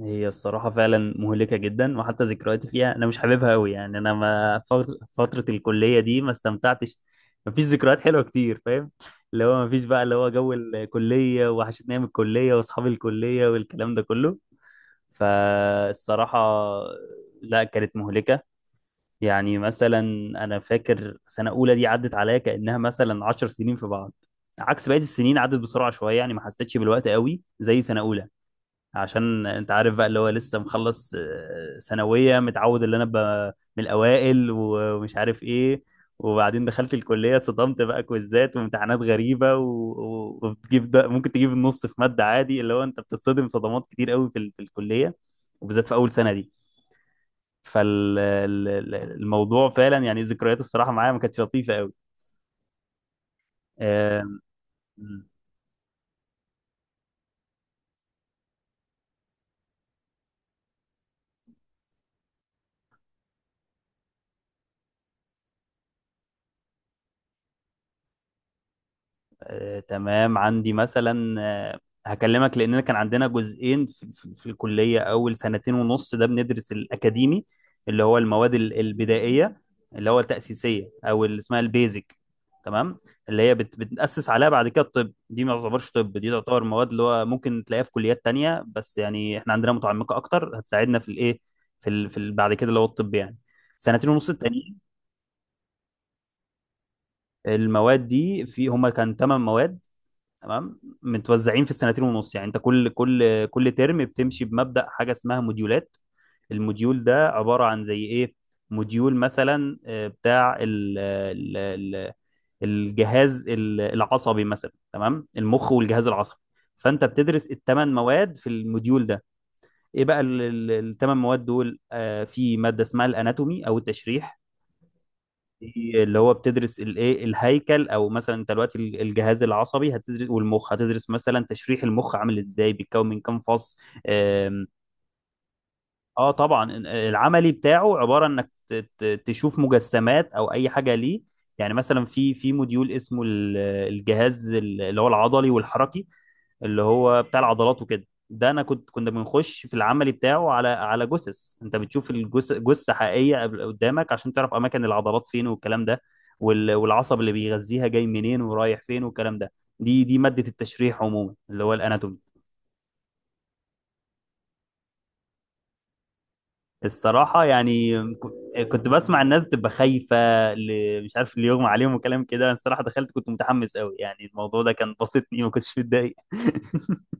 هي الصراحة فعلا مهلكة جدا، وحتى ذكرياتي فيها أنا مش حاببها أوي. يعني أنا ما فر- فترة الكلية دي ما استمتعتش. مفيش ذكريات حلوة كتير، فاهم؟ اللي هو مفيش بقى، اللي هو جو الكلية وحشتني، أيام الكلية وأصحاب الكلية والكلام ده كله. فالصراحة لا، كانت مهلكة. يعني مثلا أنا فاكر سنة أولى دي عدت عليا كأنها مثلا 10 سنين في بعض، عكس بقية السنين عدت بسرعة شوية. يعني ما حسيتش بالوقت قوي زي سنة أولى. عشان انت عارف بقى، اللي هو لسه مخلص ثانوية، متعود اللي انا ابقى من الاوائل و- ومش عارف ايه. وبعدين دخلت الكلية، صدمت بقى، كويزات وامتحانات غريبة و- و- وبتجيب ده، ممكن تجيب النص في مادة عادي. اللي هو انت بتتصدم صدمات كتير قوي في الكلية، وبالذات في اول سنة دي. فالموضوع فعلا، يعني ذكريات الصراحة معايا ما كانتش لطيفة قوي. تمام. عندي مثلا هكلمك، لأننا كان عندنا جزئين في الكلية. أول سنتين ونص ده بندرس الأكاديمي، اللي هو المواد البدائية، اللي هو التأسيسية، أو اللي اسمها البيزك، تمام. اللي هي بتأسس عليها بعد كده الطب. دي ما تعتبرش طب، دي تعتبر مواد اللي هو ممكن تلاقيها في كليات تانية، بس يعني احنا عندنا متعمقة أكتر، هتساعدنا في الإيه، في بعد كده اللي هو الطب يعني، سنتين ونص التانيين. المواد دي هما كان تمن مواد، تمام، متوزعين في السنتين ونص. يعني انت كل ترم بتمشي بمبدأ حاجة اسمها موديولات. الموديول ده عبارة عن زي ايه؟ موديول مثلا بتاع ال الجهاز العصبي مثلا، تمام، المخ والجهاز العصبي. فانت بتدرس الثمان مواد في الموديول ده. ايه بقى الثمان مواد دول؟ في مادة اسمها الاناتومي او التشريح. دي اللي هو بتدرس الايه، الهيكل، او مثلا انت دلوقتي الجهاز العصبي هتدرس، والمخ هتدرس، مثلا تشريح المخ عامل ازاي، بيتكون من كام فص. اه طبعا. العملي بتاعه عباره انك تشوف مجسمات او اي حاجه ليه. يعني مثلا في موديول اسمه الجهاز اللي هو العضلي والحركي، اللي هو بتاع العضلات وكده. ده انا كنا بنخش في العملي بتاعه على جثث. انت بتشوف جثه حقيقيه قدامك، عشان تعرف اماكن العضلات فين والكلام ده، وال- والعصب اللي بيغذيها جاي منين ورايح فين والكلام ده. دي ماده التشريح عموما، اللي هو الاناتومي. الصراحة يعني كنت بسمع الناس تبقى خايفة، مش عارف اللي يغمى عليهم وكلام كده. أنا الصراحة دخلت كنت متحمس قوي، يعني الموضوع ده كان بسطني، ما كنتش متضايق.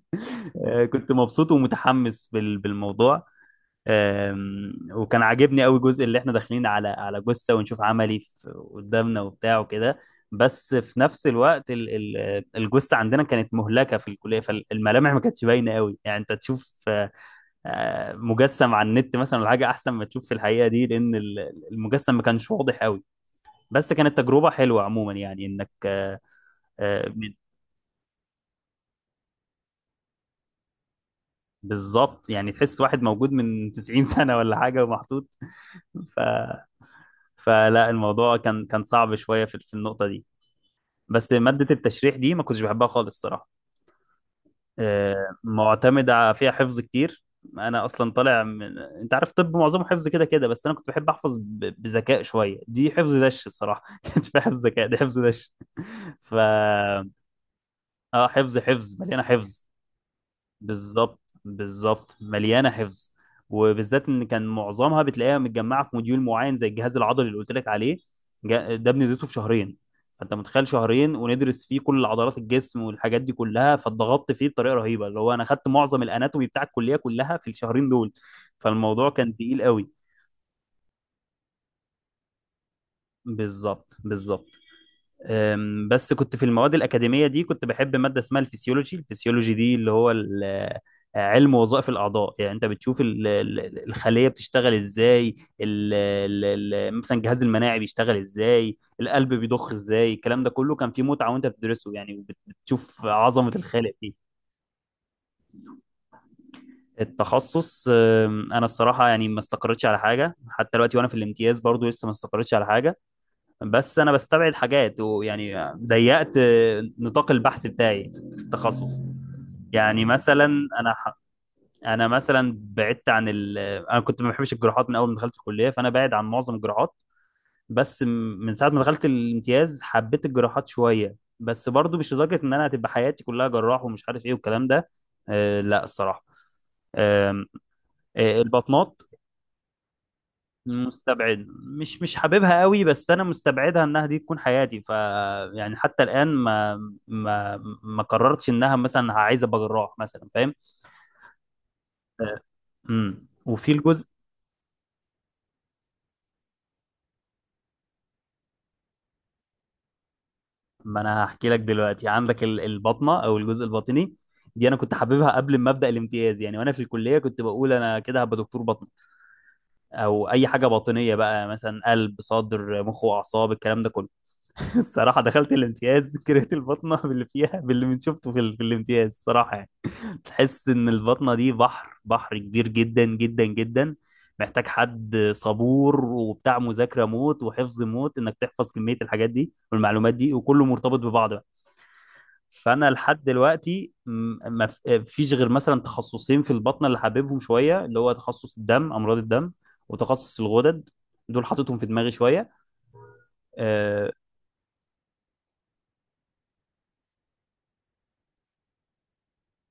كنت مبسوط ومتحمس بالموضوع. وكان عاجبني قوي جزء اللي احنا داخلين على جثة ونشوف عملي قدامنا وبتاع وكده. بس في نفس الوقت الجثة عندنا كانت مهلكة في الكلية، فالملامح ما كانتش باينة قوي. يعني انت تشوف مجسم على النت مثلا ولا حاجه، احسن ما تشوف في الحقيقه دي، لان المجسم ما كانش واضح قوي. بس كانت تجربه حلوه عموما، يعني انك آه، من- بالظبط. يعني تحس واحد موجود من 90 سنه ولا حاجه ومحطوط. ف فلا الموضوع كان صعب شويه في النقطه دي. بس ماده التشريح دي ما كنتش بحبها خالص الصراحه. معتمدة فيها حفظ كتير. أنا أصلا طالع من، أنت عارف، طب معظمه حفظ كده كده، بس أنا كنت بحب أحفظ بذكاء شوية. دي حفظ دش الصراحة، ما كانش فيها حفظ ذكاء، دي حفظ دش. ف، آه، حفظ حفظ، مليانة حفظ. بالظبط بالظبط، مليانه حفظ. وبالذات ان كان معظمها بتلاقيها متجمعه في موديول معين، زي الجهاز العضلي اللي قلت لك عليه. ده بندرسه في شهرين. فانت متخيل، شهرين وندرس فيه كل عضلات الجسم والحاجات دي كلها، فاتضغطت فيه بطريقه رهيبه، اللي هو انا خدت معظم الاناتومي بتاع الكليه كلها في الشهرين دول. فالموضوع كان تقيل قوي. بالظبط بالظبط. بس كنت في المواد الأكاديمية دي كنت بحب مادة اسمها الفسيولوجي. الفسيولوجي دي اللي هو علم وظائف الأعضاء. يعني أنت بتشوف الخلية بتشتغل إزاي، ال- مثلا الجهاز المناعي بيشتغل إزاي، القلب بيضخ إزاي، الكلام ده كله كان فيه متعة وأنت بتدرسه يعني، وبت- بتشوف عظمة الخالق دي. التخصص، أنا الصراحة يعني ما استقرتش على حاجة حتى دلوقتي، وأنا في الامتياز برضو لسه ما استقرتش على حاجة. بس انا بستبعد حاجات، ويعني ضيقت نطاق البحث بتاعي في التخصص. يعني مثلا انا ح... انا مثلا بعدت عن انا كنت ما بحبش الجراحات من اول ما دخلت الكليه، فانا بعد عن معظم الجراحات. بس م- من ساعه ما دخلت الامتياز حبيت الجراحات شويه، بس برضو مش لدرجه ان انا هتبقى حياتي كلها جراح ومش عارف ايه والكلام ده. أه لا الصراحه. أم، أه، البطنات، مستبعد. مش مش حاببها قوي، بس انا مستبعدها انها دي تكون حياتي. ف، يعني حتى الان، ما ما قررتش انها مثلا عايزه ابقى جراح مثلا، فاهم؟ آه، وفي الجزء، ما انا هحكي لك دلوقتي. عندك البطنه او الجزء الباطني، دي انا كنت حاببها قبل ما ابدا الامتياز. يعني وانا في الكليه كنت بقول انا كده هبقى دكتور بطن، او اي حاجه باطنيه بقى، مثلا قلب، صدر، مخ واعصاب، الكلام ده كله. الصراحه دخلت الامتياز كرهت البطنه باللي فيها، باللي من شفته في الامتياز الصراحه يعني. تحس ان البطنة دي بحر، بحر كبير جدا جدا جدا، محتاج حد صبور وبتاع مذاكرة موت وحفظ موت، انك تحفظ كمية الحاجات دي والمعلومات دي، وكله مرتبط ببعض بقى. فانا لحد دلوقتي م- ما ف- فيش غير مثلا تخصصين في البطنة اللي حاببهم شوية، اللي هو تخصص الدم، امراض الدم، وتخصص الغدد. دول حاططهم في دماغي شوية. آه،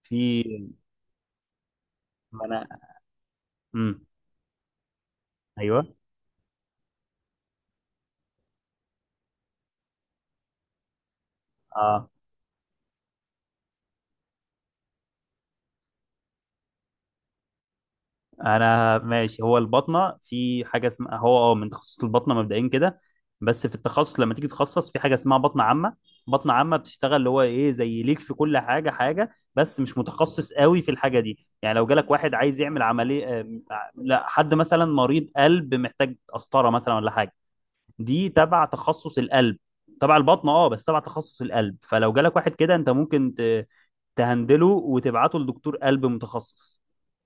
في ما انا امم ايوه اه انا ماشي. هو البطنه في حاجه اسمها، هو اه، من تخصص البطنه مبدئيا كده، بس في التخصص لما تيجي تتخصص في حاجه اسمها بطنه عامه. بطنه عامه بتشتغل اللي هو ايه، زي ليك في كل حاجه حاجه، بس مش متخصص قوي في الحاجه دي. يعني لو جالك واحد عايز يعمل عمليه، لا، حد مثلا مريض قلب محتاج قسطره مثلا ولا حاجه، دي تبع تخصص القلب، تبع البطنه اه بس تبع تخصص القلب. فلو جالك واحد كده، انت ممكن تهندله وتبعته لدكتور قلب متخصص،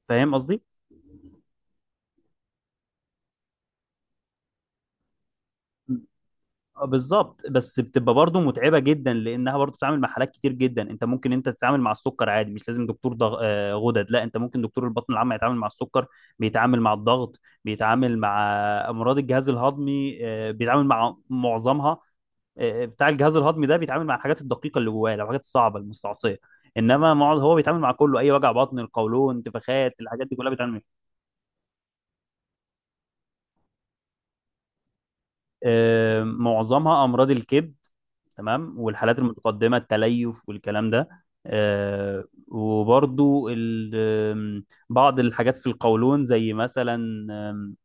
فاهم قصدي. بالظبط، بس بتبقى برضه متعبه جدا، لانها برضه بتتعامل مع حالات كتير جدا. انت ممكن انت تتعامل مع السكر عادي، مش لازم دكتور ضغ... آه، غدد، لا انت ممكن دكتور البطن العام يتعامل مع السكر، بيتعامل مع الضغط، بيتعامل مع امراض الجهاز الهضمي. بيتعامل مع معظمها. بتاع الجهاز الهضمي ده بيتعامل مع الحاجات الدقيقه اللي جواه، الحاجات الصعبه المستعصيه. انما هو بيتعامل مع كله، اي وجع بطن، القولون، انتفاخات، الحاجات دي كلها بيتعامل. معظمها امراض الكبد، تمام، والحالات المتقدمه، التليف والكلام ده. آه، وبرضو ال- آم، بعض الحاجات في القولون زي مثلا، آم،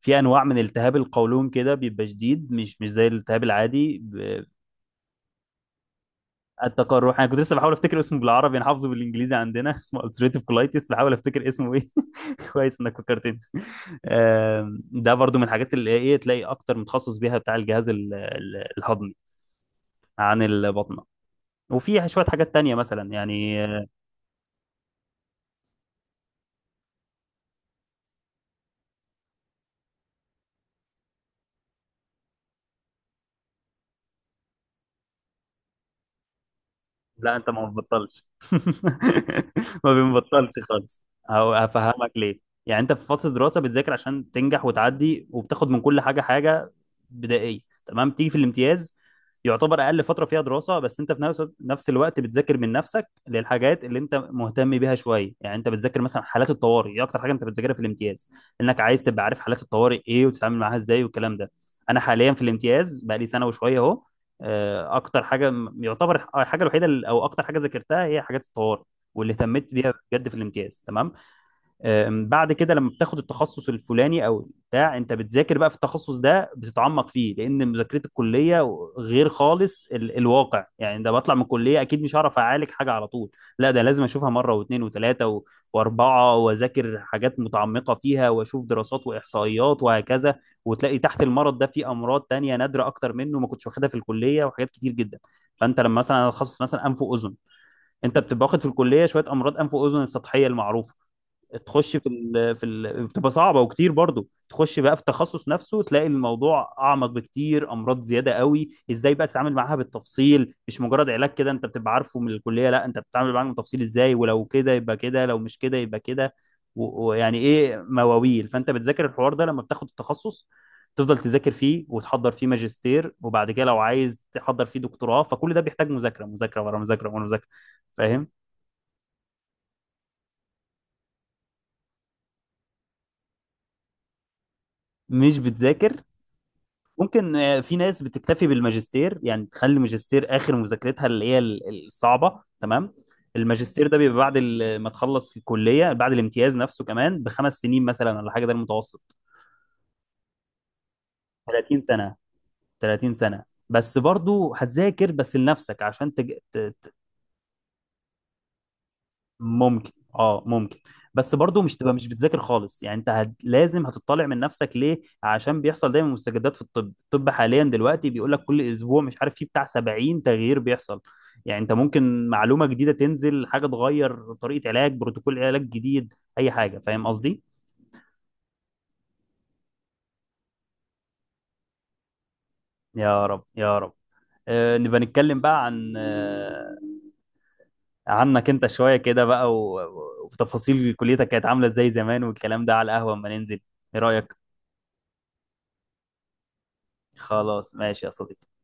في انواع من التهاب القولون كده بيبقى شديد، مش مش زي الالتهاب العادي. التقرح انا كنت لسه بحاول افتكر اسمه بالعربي، انا حافظه بالانجليزي عندنا. اسمه ulcerative colitis، بحاول افتكر اسمه ايه. كويس انك فكرتني. ده برضو من الحاجات اللي ايه، تلاقي اكتر متخصص بيها بتاع الجهاز الهضمي عن البطنة. وفي شوية حاجات تانية مثلا يعني. لا انت ما بتبطلش. ما بنبطلش خالص، هو هفهمك ليه. يعني انت في فتره دراسه بتذاكر عشان تنجح وتعدي، وبتاخد من كل حاجه حاجه بدائيه، تمام. تيجي في الامتياز، يعتبر اقل فتره فيها دراسه، بس انت في نفس الوقت بتذاكر من نفسك للحاجات اللي انت مهتم بيها شويه. يعني انت بتذاكر مثلا حالات الطوارئ، دي اكتر حاجه انت بتذاكرها في الامتياز، انك عايز تبقى عارف حالات الطوارئ ايه وتتعامل معاها ازاي والكلام ده. انا حاليا في الامتياز بقى لي سنه وشويه اهو. اكتر حاجه يعتبر الحاجه الوحيده او اكتر حاجه ذاكرتها هي حاجات الطوارئ، واللي اهتميت بيها بجد في الامتياز، تمام. بعد كده لما بتاخد التخصص الفلاني او بتاع، انت بتذاكر بقى في التخصص ده، بتتعمق فيه، لان مذاكره الكليه غير خالص الواقع. يعني ده بطلع من الكليه اكيد مش هعرف اعالج حاجه على طول، لا ده لازم اشوفها مره واثنين وثلاثه واربعه، واذاكر حاجات متعمقه فيها، واشوف دراسات واحصائيات وهكذا. وتلاقي تحت المرض ده في امراض تانية نادره اكتر منه ما كنتش واخدها في الكليه، وحاجات كتير جدا. فانت لما مثلا اتخصص مثلا انف واذن، انت بتبقى واخد في الكليه شويه امراض انف واذن السطحيه المعروفه. تخش في ال في ال بتبقى صعبه وكتير برضو. تخش بقى في التخصص نفسه، تلاقي الموضوع اعمق بكتير، امراض زياده قوي، ازاي بقى تتعامل معاها بالتفصيل، مش مجرد علاج كده انت بتبقى عارفه من الكليه، لا انت بتتعامل معاها بالتفصيل ازاي، ولو كده يبقى كده، لو مش كده يبقى كده. و- ويعني ايه مواويل، فانت بتذاكر الحوار ده لما بتاخد التخصص، تفضل تذاكر فيه وتحضر فيه ماجستير، وبعد كده لو عايز تحضر فيه دكتوراه، فكل ده بيحتاج مذاكره، مذاكره ورا مذاكره ورا مذاكره، فاهم؟ مش بتذاكر. ممكن، في ناس بتكتفي بالماجستير، يعني تخلي الماجستير اخر مذاكرتها، اللي هي الصعبه، تمام. الماجستير ده بيبقى بعد ما تخلص الكليه، بعد الامتياز نفسه كمان بـ5 سنين مثلا ولا حاجه، ده المتوسط. 30 سنه، 30 سنه. بس برضو هتذاكر بس لنفسك عشان ممكن اه ممكن. بس برضو مش تبقى مش بتذاكر خالص. يعني انت لازم هتطلع من نفسك ليه، عشان بيحصل دايما مستجدات في الطب. الطب حاليا دلوقتي بيقول لك كل اسبوع مش عارف فيه بتاع 70 تغيير بيحصل. يعني انت ممكن معلومة جديدة تنزل، حاجة تغير طريقة علاج، بروتوكول علاج جديد، اي حاجة، فاهم قصدي. يا رب يا رب. آه نبقى نتكلم بقى عن عنك انت شوية كده بقى، وتفاصيل كليتك كانت عاملة ازاي زمان والكلام ده، على القهوة اما ننزل، ايه رأيك؟ خلاص ماشي يا صديقي.